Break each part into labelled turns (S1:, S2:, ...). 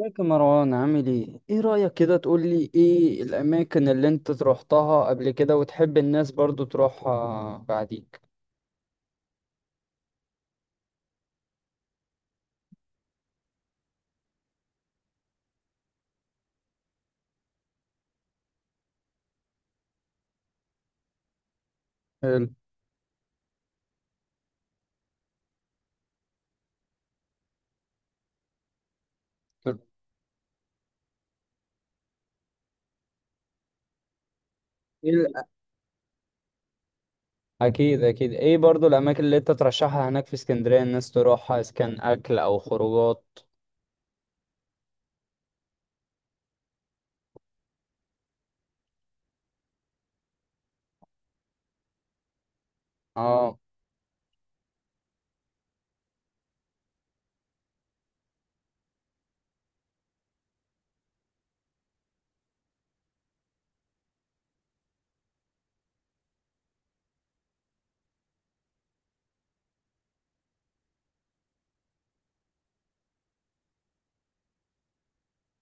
S1: ازيك يا مروان؟ عامل ايه؟ ايه رأيك كده تقول لي ايه الأماكن اللي انت روحتها قبل كده وتحب الناس برضو تروحها بعديك؟ حلو. حلو. ايه ال- أكيد، أكيد. ايه برضو الأماكن اللي انت ترشحها هناك في اسكندرية الناس تروحها، إذا كان أكل أو خروجات؟ اه.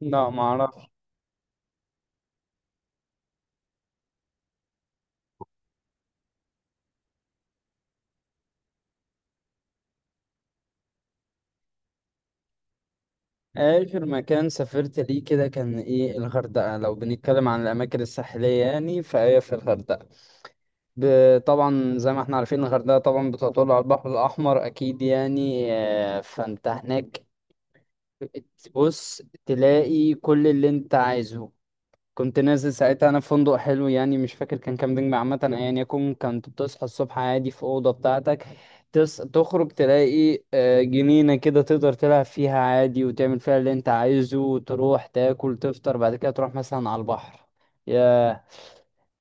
S1: لا، معرفش. آخر مكان سافرت ليه كده كان ايه؟ الغردقة. لو بنتكلم عن الأماكن الساحلية يعني، فهي في الغردقة. طبعا زي ما احنا عارفين الغردقة طبعا بتطل على البحر الأحمر، أكيد يعني. فانت هناك بص تلاقي كل اللي انت عايزه. كنت نازل ساعتها انا في فندق حلو، يعني مش فاكر كان كام نجم عامه، ايا يكن. كنت بتصحى الصبح عادي في اوضه بتاعتك، تخرج تلاقي جنينه كده تقدر تلعب فيها عادي وتعمل فيها اللي انت عايزه، وتروح تاكل تفطر، بعد كده تروح مثلا على البحر. يا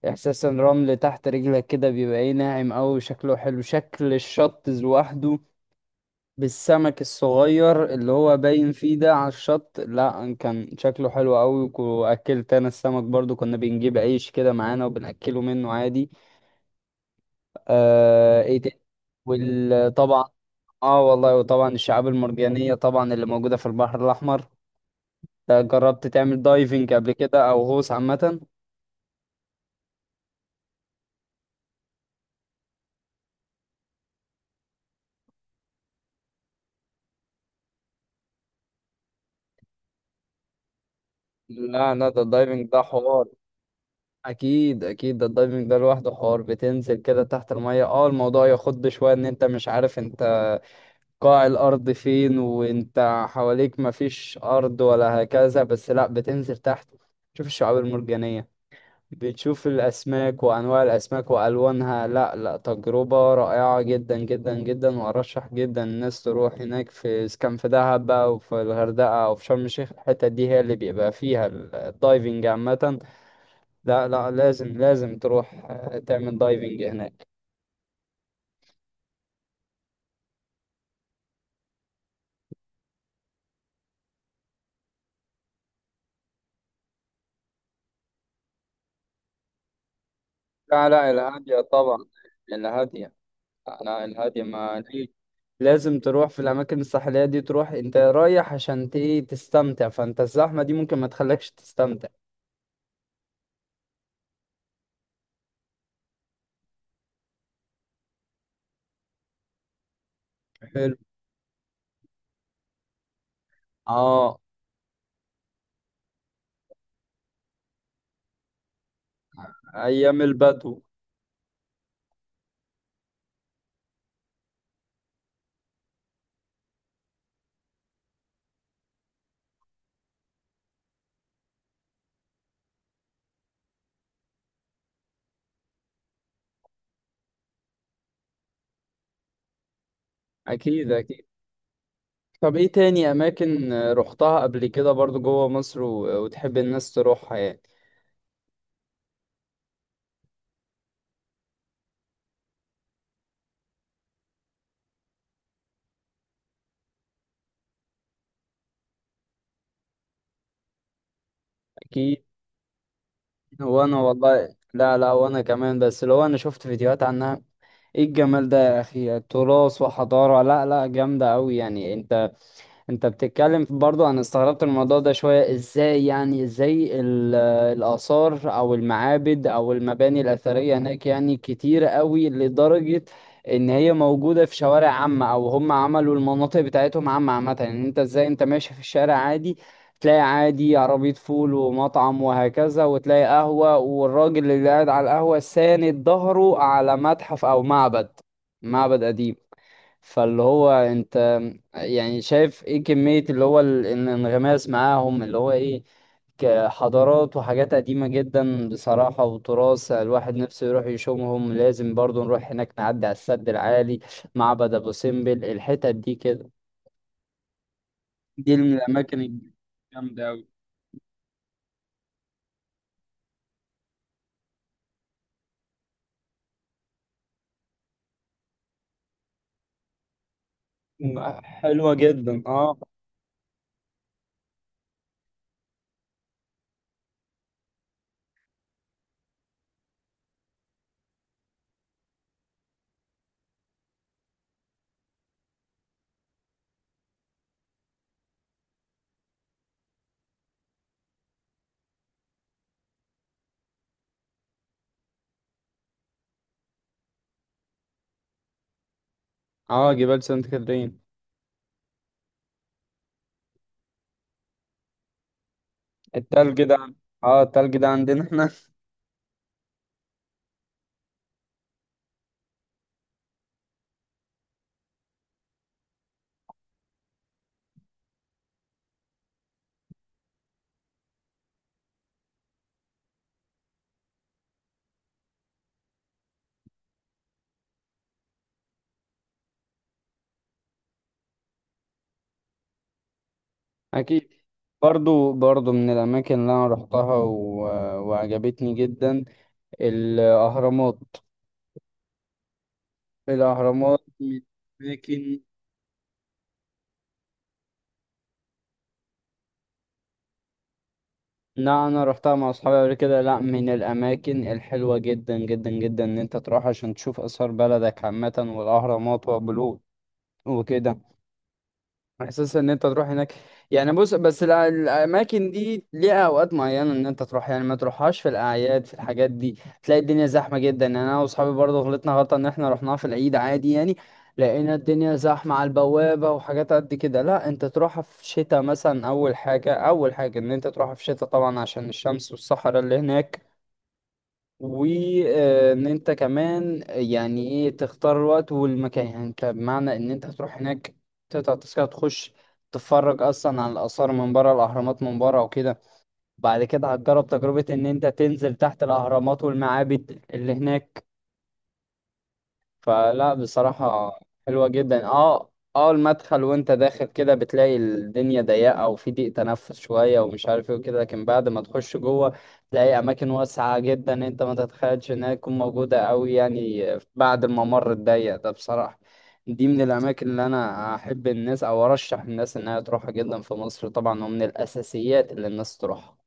S1: احساس الرمل تحت رجلك كده، بيبقى ايه، ناعم قوي. شكله حلو شكل الشط لوحده بالسمك الصغير اللي هو باين فيه ده على الشط. لا، كان شكله حلو قوي. واكلت انا السمك برضو، كنا بنجيب عيش كده معانا وبناكله منه عادي. آه. ايه تاني؟ وطبعا. اه والله. وطبعا الشعاب المرجانية طبعا اللي موجودة في البحر الاحمر ده. جربت تعمل دايفنج قبل كده او غوص عامة؟ لا لا، ده الدايفنج ده حوار. اكيد اكيد، ده الدايفنج ده لوحده حوار. بتنزل كده تحت المية، اه الموضوع يخض شوية، ان انت مش عارف انت قاع الأرض فين، وأنت حواليك مفيش أرض ولا هكذا. بس لأ، بتنزل تحت تشوف الشعاب المرجانية، بتشوف الأسماك وأنواع الأسماك وألوانها. لأ لأ، تجربة رائعة جدا جدا جدا. وأرشح جدا الناس تروح هناك، في إذا كان في دهب بقى وفي الغردقة أو في شرم الشيخ، الحتة دي هي اللي بيبقى فيها الدايفنج عامة. لأ لأ، لازم لازم تروح تعمل دايفنج هناك. لا لا، الهادية طبعا. الهادية. لا الهادية ما دي. لازم تروح في الأماكن الساحلية دي، تروح أنت رايح عشان إيه، تستمتع، فأنت الزحمة دي ممكن ما تخليكش تستمتع. حلو. اه. أيام البدو. أكيد أكيد. طب إيه تاني أماكن رحتها قبل كده برضو جوه مصر وتحب الناس تروحها يعني؟ أكيد. وأنا والله، لا لا وأنا كمان، بس لو أنا شفت فيديوهات عنها. إيه الجمال ده يا أخي، تراث وحضارة. لا لا، جامدة أوي يعني. أنت انت بتتكلم برضو، انا استغربت الموضوع ده شوية. ازاي يعني؟ ازاي الآثار او المعابد او المباني الأثرية هناك يعني كتير قوي، لدرجة ان هي موجودة في شوارع عامة، او هم عملوا المناطق بتاعتهم عامة عامة يعني. انت ازاي انت ماشي في الشارع عادي تلاقي عادي عربية فول ومطعم وهكذا، وتلاقي قهوة والراجل اللي قاعد على القهوة ساند ظهره على متحف او معبد، معبد قديم. فاللي هو انت يعني شايف ايه كمية اللي هو الانغماس معاهم اللي هو ايه، كحضارات وحاجات قديمة جدا بصراحة وتراث الواحد نفسه يروح يشوفهم. لازم برضو نروح هناك نعدي على السد العالي، معبد ابو سمبل، الحتت دي كده، دي من الاماكن الجامدة اوي. م- حلوة جدا. اه. اه، جبال سانت كاترين. التلج ده. اه التلج ده عندنا احنا. أكيد. برضو برضو من الأماكن اللي أنا رحتها وعجبتني جدا، الأهرامات. الأهرامات من الأماكن. لا أنا رحتها مع أصحابي قبل كده. لا، من الأماكن الحلوة جدا جدا جدا إن أنت تروح عشان تشوف آثار بلدك عامة، والأهرامات وأبو الهول وكده. احساس ان انت تروح هناك يعني. بص بس الاماكن دي ليها اوقات معينه ان انت تروح يعني. ما تروحهاش في الاعياد، في الحاجات دي تلاقي الدنيا زحمه جدا يعني. انا واصحابي برضه غلطنا غلطه ان احنا رحناها في العيد عادي يعني، لقينا الدنيا زحمه على البوابه وحاجات قد كده. لا انت تروحها في شتاء مثلا. اول حاجه، اول حاجه ان انت تروحها في شتاء طبعا عشان الشمس والصحراء اللي هناك. وان انت كمان يعني ايه تختار الوقت والمكان، يعني انت بمعنى ان انت هتروح هناك تقطع تذكرة تخش، تتفرج اصلا على الاثار من بره، الاهرامات من بره وكده. بعد كده هتجرب تجربة ان انت تنزل تحت الاهرامات والمعابد اللي هناك. فلا بصراحة حلوة جدا. اه اه، المدخل وانت داخل كده بتلاقي الدنيا ضيقة وفي ضيق تنفس شوية ومش عارف ايه وكده، لكن بعد ما تخش جوه تلاقي أماكن واسعة جدا، انت ما تتخيلش انها تكون موجودة أوي يعني، بعد الممر الضيق ده بصراحة. دي من الأماكن اللي أنا أحب الناس أو أرشح الناس إنها تروحها جدا في مصر طبعا، ومن الأساسيات اللي الناس تروحها.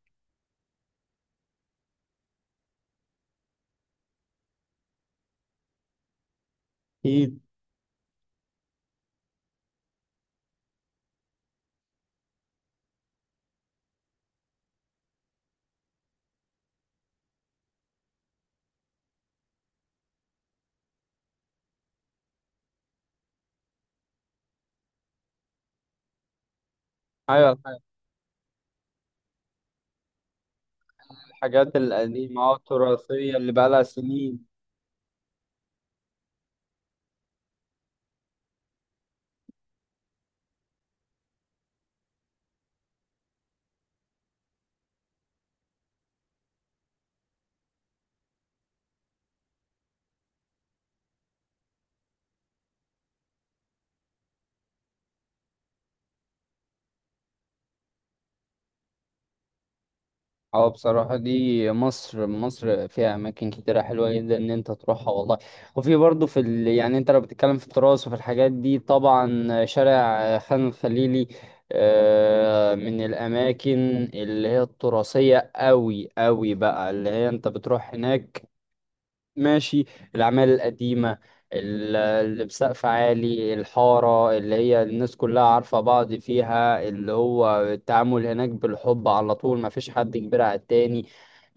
S1: أكيد. أيوة. الحاجات القديمة، اه التراثية اللي بقالها سنين. اه بصراحة، دي مصر، مصر فيها أماكن كتيرة حلوة جدا إن أنت تروحها والله. وفي برضه في يعني أنت لو بتتكلم في التراث وفي الحاجات دي، طبعا شارع خان الخليلي من الأماكن اللي هي التراثية أوي أوي بقى، اللي هي أنت بتروح هناك ماشي، الأعمال القديمة، اللي بسقف عالي، الحارة اللي هي الناس كلها عارفة بعض فيها، اللي هو التعامل هناك بالحب على طول، مفيش حد كبير على التاني.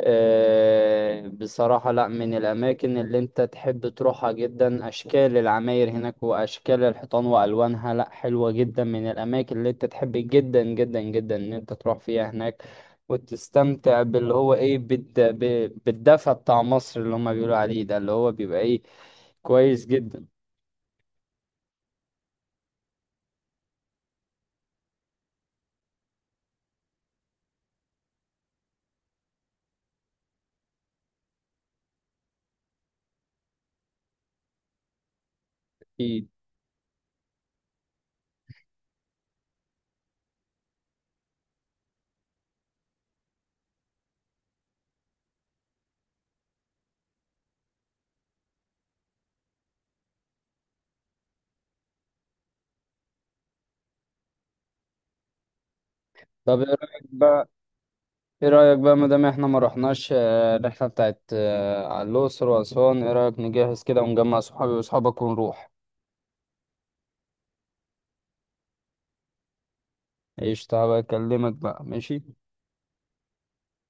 S1: بصراحة لا، من الأماكن اللي أنت تحب تروحها جدا. أشكال العماير هناك وأشكال الحيطان وألوانها، لا حلوة جدا. من الأماكن اللي أنت تحب جدا جدا جدا إن أنت تروح فيها هناك، وتستمتع باللي هو إيه، بالدفى بتاع مصر اللي هما بيقولوا عليه ده، اللي هو بيبقى إيه، كويس جدا. أكيد. طب إيه رأيك بقى؟ إيه رأيك بقى، مادام إحنا ما رحناش الرحلة بتاعت على الأقصر وأسوان، إيه رأيك نجهز كده ونجمع صحابي وأصحابك ونروح؟ ايش، تعالى اكلمك بقى ماشي.